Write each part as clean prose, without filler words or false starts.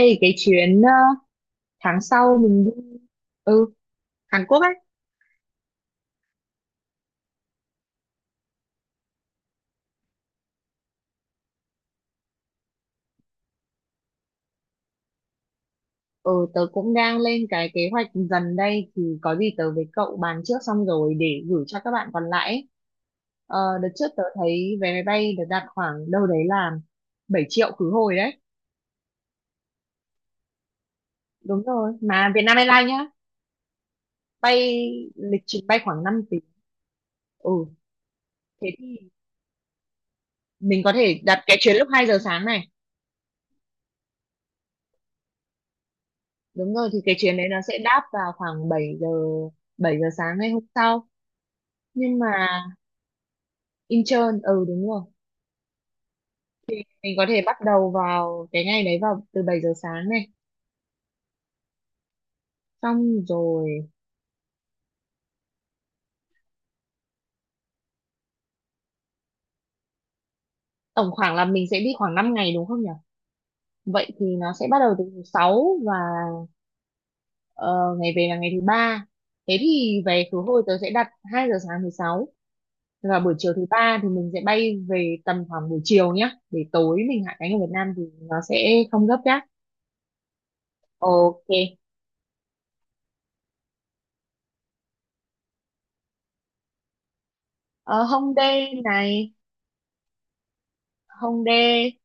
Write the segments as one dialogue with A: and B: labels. A: Ê, cái chuyến tháng sau mình đi ừ, Hàn Quốc ấy. Ừ, tớ cũng đang lên cái kế hoạch dần đây thì có gì tớ với cậu bàn trước xong rồi để gửi cho các bạn còn lại ấy. Đợt trước tớ thấy vé máy bay được đặt khoảng đâu đấy là 7 triệu khứ hồi đấy. Đúng rồi, mà Vietnam Airlines nhá, bay lịch trình bay khoảng 5 tiếng. Ừ, thế thì mình có thể đặt cái chuyến lúc 2 giờ sáng này. Đúng rồi, thì cái chuyến đấy nó sẽ đáp vào khoảng bảy giờ sáng ngày hôm sau. Nhưng mà Intern, ừ đúng rồi. Mình có thể bắt đầu vào cái ngày đấy vào từ 7 giờ sáng này. Xong rồi tổng khoảng là mình sẽ đi khoảng 5 ngày đúng không nhỉ? Vậy thì nó sẽ bắt đầu từ thứ 6 và ờ, ngày về là ngày thứ ba. Thế thì về khứ hồi tớ sẽ đặt 2 giờ sáng thứ 6 và buổi chiều thứ ba thì mình sẽ bay về tầm khoảng buổi chiều nhá. Để tối mình hạ cánh ở Việt Nam thì nó sẽ không gấp nhá. Ok. Ờ, Hongdae này, Hongdae,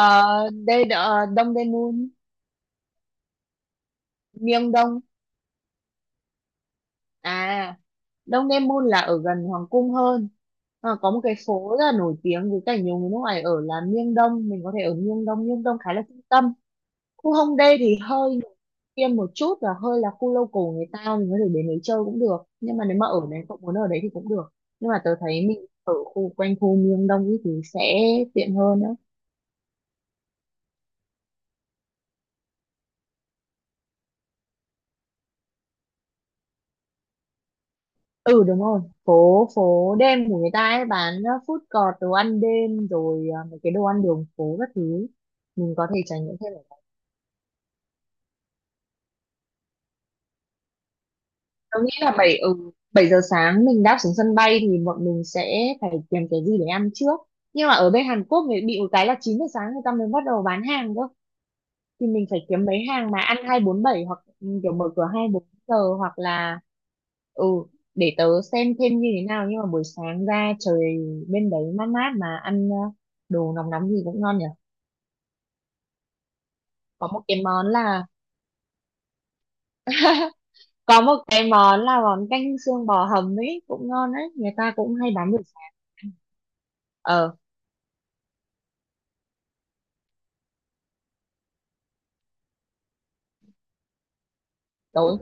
A: Dongdaemun, Myeongdong. À, Dongdaemun là ở gần Hoàng cung hơn. À, có một cái phố rất là nổi tiếng với cả nhiều người nước ngoài ở là Miêng Đông. Mình có thể ở Miêng Đông. Miêng Đông khá là trung tâm. Khu Hongdae thì hơi tiêm một chút và hơi là khu local người ta. Mình có thể đến đấy chơi cũng được. Nhưng mà nếu mà ở đấy, cậu muốn ở đấy thì cũng được. Nhưng mà tớ thấy mình ở khu quanh khu Miêng Đông ý thì sẽ tiện hơn đó. Ừ đúng rồi. Phố phố đêm của người ta ấy bán food court, đồ ăn đêm rồi mấy cái đồ ăn đường phố các thứ, mình có thể trải nghiệm thêm. Tôi nghĩ là 7 giờ sáng mình đáp xuống sân bay thì bọn mình sẽ phải tìm cái gì để ăn trước. Nhưng mà ở bên Hàn Quốc thì bị một cái là 9 giờ sáng người ta mới bắt đầu bán hàng cơ. Thì mình phải kiếm mấy hàng mà ăn 247 hoặc kiểu mở cửa hai bốn giờ hoặc là ừ để tớ xem thêm như thế nào nhưng mà buổi sáng ra trời bên đấy mát mát mà ăn đồ nóng nóng gì cũng ngon nhỉ. Có một cái món là có một cái món là món canh xương bò hầm ấy cũng ngon đấy, người ta cũng hay bán buổi sáng. Ờ. Tối,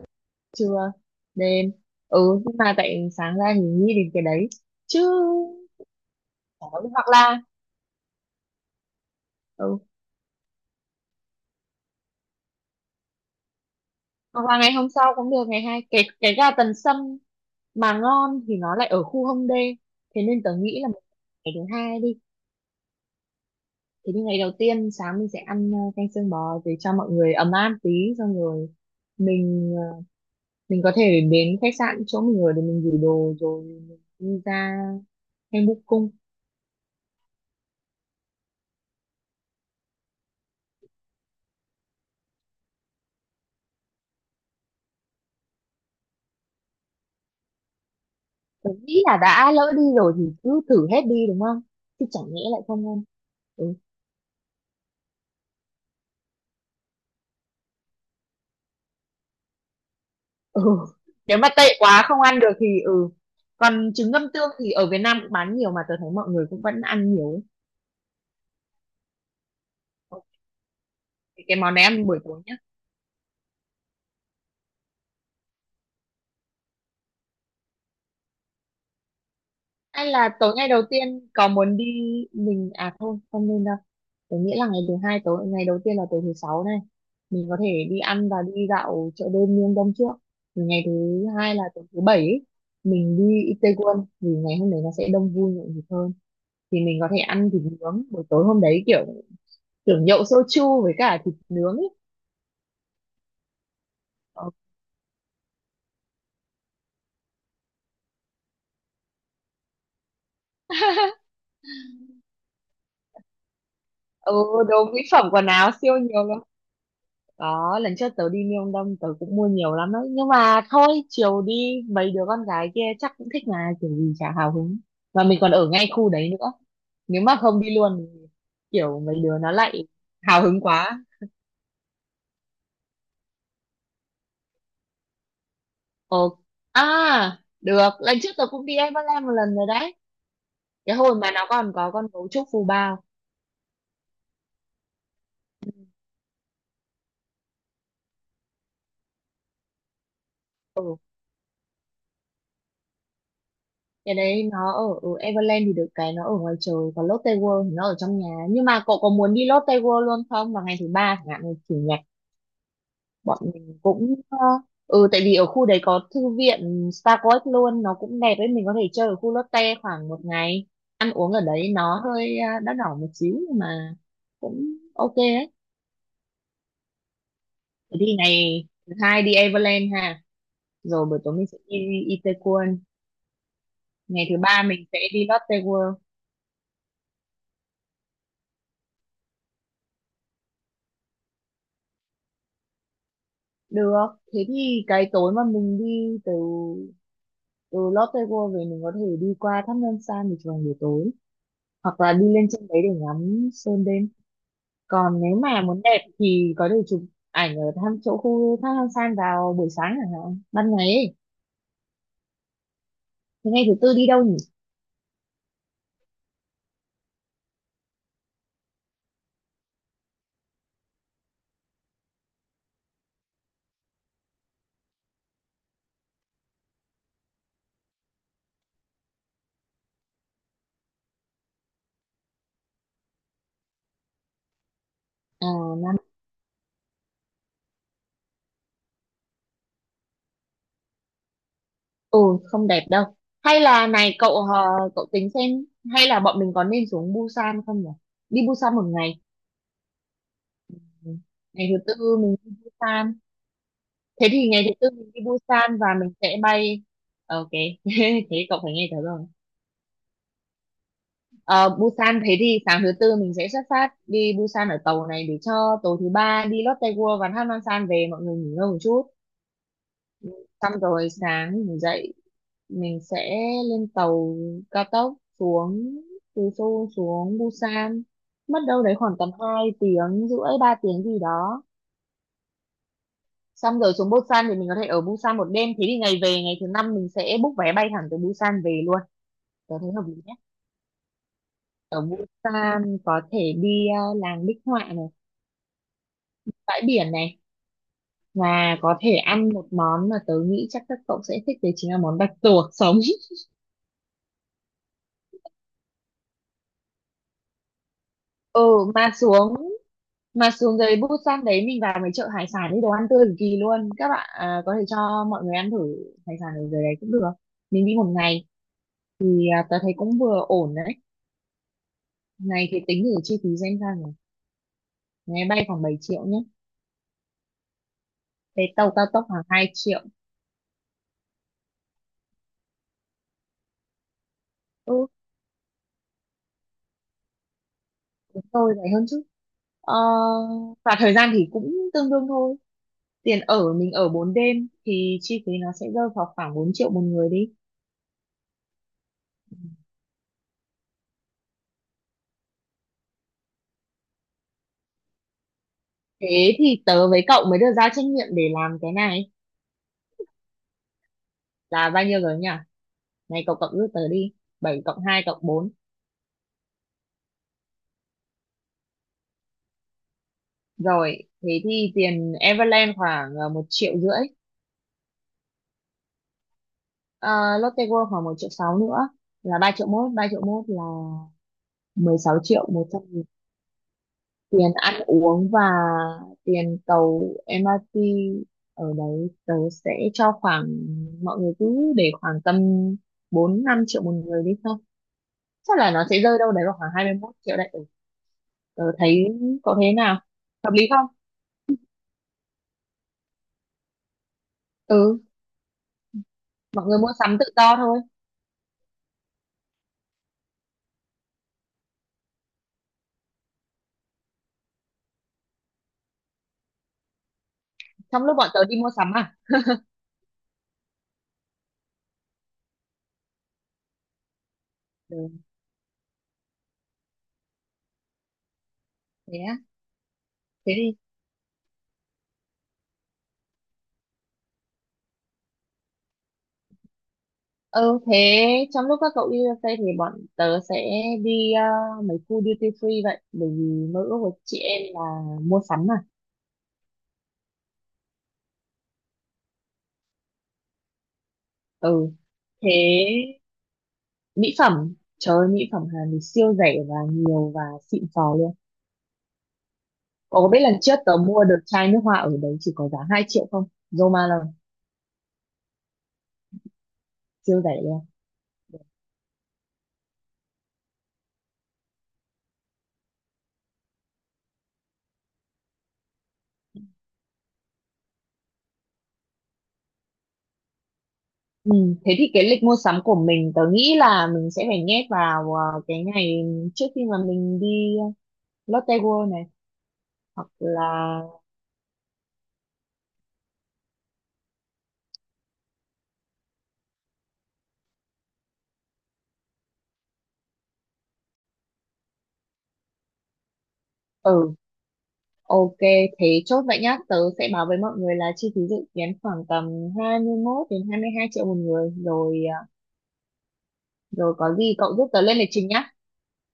A: trưa, đêm. Nhưng mà tại sáng ra thì nghĩ đến cái đấy chứ chả có gì. Hoặc là ừ hoặc là ngày hôm sau cũng được, ngày hai cái gà tần sâm mà ngon thì nó lại ở khu Hông Đê, thế nên tớ nghĩ là ngày thứ hai đi. Thế nhưng ngày đầu tiên sáng mình sẽ ăn canh xương bò để cho mọi người ấm áp tí. Xong rồi mình ờ, mình có thể đến khách sạn chỗ mình ở để mình gửi đồ rồi mình đi ra hay búc cung. Tôi nghĩ là đã lỡ đi rồi thì cứ thử hết đi đúng không? Chứ chẳng nhẽ lại không ăn. Ừ. Ừ. Nếu mà tệ quá không ăn được thì ừ. Còn trứng ngâm tương thì ở Việt Nam cũng bán nhiều mà tôi thấy mọi người cũng vẫn ăn nhiều ấy. Ok. Cái món này ăn buổi tối nhá. Hay là tối ngày đầu tiên có muốn đi mình à thôi không nên đâu. Tớ nghĩ là ngày thứ hai, tối ngày đầu tiên là tối thứ sáu này, mình có thể đi ăn và đi dạo chợ đêm miền Đông trước. Rồi ngày thứ hai là tối thứ bảy ấy, mình đi Itaewon vì ngày hôm đấy nó sẽ đông vui nhộn nhịp hơn. Thì mình có thể ăn thịt nướng buổi tối hôm đấy, kiểu kiểu nhậu soju với cả thịt nướng ấy. Ờ, Ừ, Đồ mỹ phẩm quần áo siêu nhiều luôn. Có, lần trước tớ đi Miêu Đông tớ cũng mua nhiều lắm đấy. Nhưng mà thôi, chiều đi mấy đứa con gái kia chắc cũng thích mà, kiểu gì chả hào hứng. Mà mình còn ở ngay khu đấy nữa. Nếu mà không đi luôn, thì kiểu mấy đứa nó lại hào hứng quá. Ồ, à, được. Lần trước tớ cũng đi Everland một lần rồi đấy. Cái hồi mà nó còn có con gấu trúc phù bao. Ừ, cái đấy nó ở, ở Everland thì được cái nó ở ngoài trời. Còn Lotte World thì nó ở trong nhà. Nhưng mà cậu có muốn đi Lotte World luôn không? Vào ngày thứ ba chẳng hạn, chủ nhật bọn mình cũng tại vì ở khu đấy có thư viện Star Coast luôn, nó cũng đẹp ấy, mình có thể chơi ở khu Lotte khoảng một ngày, ăn uống ở đấy nó hơi đắt đỏ một xíu nhưng mà cũng ok ấy. Thế thì ngày thứ hai đi Everland ha, rồi buổi tối mình sẽ đi Itaewon, ngày thứ ba mình sẽ đi Lotte World được. Thế thì cái tối mà mình đi từ từ Lotte World về, mình có thể đi qua tháp Ngân San để chụp ảnh buổi tối hoặc là đi lên trên đấy để ngắm sơn đêm. Còn nếu mà muốn đẹp thì có thể chụp ảnh ở thăm chỗ khu thác Hang San vào buổi sáng chẳng hạn, ban ngày ấy. Thế ngày thứ tư đi đâu nhỉ? À Nam ừ Không đẹp đâu. Hay là này cậu tính xem hay là bọn mình có nên xuống Busan không nhỉ, đi Busan một ngày. Ừ. Ngày thứ tư mình đi Busan, thế thì ngày thứ tư mình đi Busan và mình sẽ bay. Ok. Thế cậu phải nghe tớ rồi. Ờ, Busan, thế thì sáng thứ tư mình sẽ xuất phát đi Busan ở tàu này để cho tối thứ ba đi Lotte World và Hanwha-san về mọi người nghỉ ngơi một chút. Xong rồi sáng mình dậy mình sẽ lên tàu cao tốc xuống, từ Seoul xuống Busan. Mất đâu đấy khoảng tầm 2 tiếng rưỡi 3 tiếng gì đó. Xong rồi xuống Busan thì mình có thể ở Busan một đêm. Thế thì ngày về ngày thứ năm mình sẽ book vé bay thẳng từ Busan về luôn. Tớ thấy hợp lý nhé. Ở Busan có thể đi làng bích họa này, bãi biển này, mà có thể ăn một món mà tớ nghĩ chắc các cậu sẽ thích đấy, chính là món bạch tuộc sống. Ừ, mà xuống mà xuống dưới Busan đấy mình vào mấy chợ hải sản, đi đồ ăn tươi cực kỳ luôn. Các bạn à, có thể cho mọi người ăn thử hải sản ở dưới đấy cũng được. Mình đi một ngày thì à, tớ thấy cũng vừa ổn đấy. Này thì tính thử chi phí xem sao nhỉ. Máy bay khoảng 7 triệu nhé. Cái tàu cao tốc khoảng 2 triệu. Ừ, đúng rồi, rẻ hơn chứ. Ờ, và thời gian thì cũng tương đương thôi. Tiền ở, mình ở 4 đêm thì chi phí nó sẽ rơi vào khoảng 4 triệu một người đi. Thế thì tớ với cậu mới được giao trách nhiệm để làm cái này, là bao nhiêu rồi nhỉ, này cậu cộng giúp tớ đi: bảy cộng hai cộng bốn. Rồi thế thì tiền Everland khoảng 1 triệu rưỡi. Ờ, Lotte World khoảng 1 triệu 6 nữa là ba triệu mốt là 16 triệu một trăm. Tiền ăn uống và tiền tàu MRT ở đấy tớ sẽ cho khoảng, mọi người cứ để khoảng tầm 4-5 triệu một người đi thôi. Chắc là nó sẽ rơi đâu đấy vào khoảng 21 triệu đấy. Ừ, tớ thấy có thế nào? Hợp lý không? Ừ, mọi người mua sắm tự do thôi. Trong lúc bọn tớ đi mua sắm à? Ừ, thế á, thế đi. Ừ, thế trong lúc các cậu đi USA thì bọn tớ sẽ đi mấy khu duty free vậy. Bởi vì mơ ước của chị em là mua sắm mà. Ừ, thế mỹ phẩm, trời ơi, mỹ phẩm Hàn thì siêu rẻ và nhiều và xịn sò luôn. Cậu có biết lần trước tớ mua được chai nước hoa ở đấy chỉ có giá 2 triệu không? Zoma là siêu rẻ luôn. Ừ, thế thì cái lịch mua sắm của mình tớ nghĩ là mình sẽ phải nhét vào cái ngày trước khi mà mình đi Lotte World này hoặc là ừ ok. Thế chốt vậy nhá, tớ sẽ báo với mọi người là chi phí dự kiến khoảng tầm 21 đến 22 triệu một người rồi. Ờ, Rồi có gì cậu giúp tớ lên lịch trình nhá,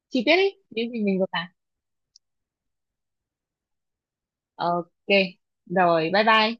A: chi tiết ấy, những gì mình vừa bảo. Ok, rồi bye bye.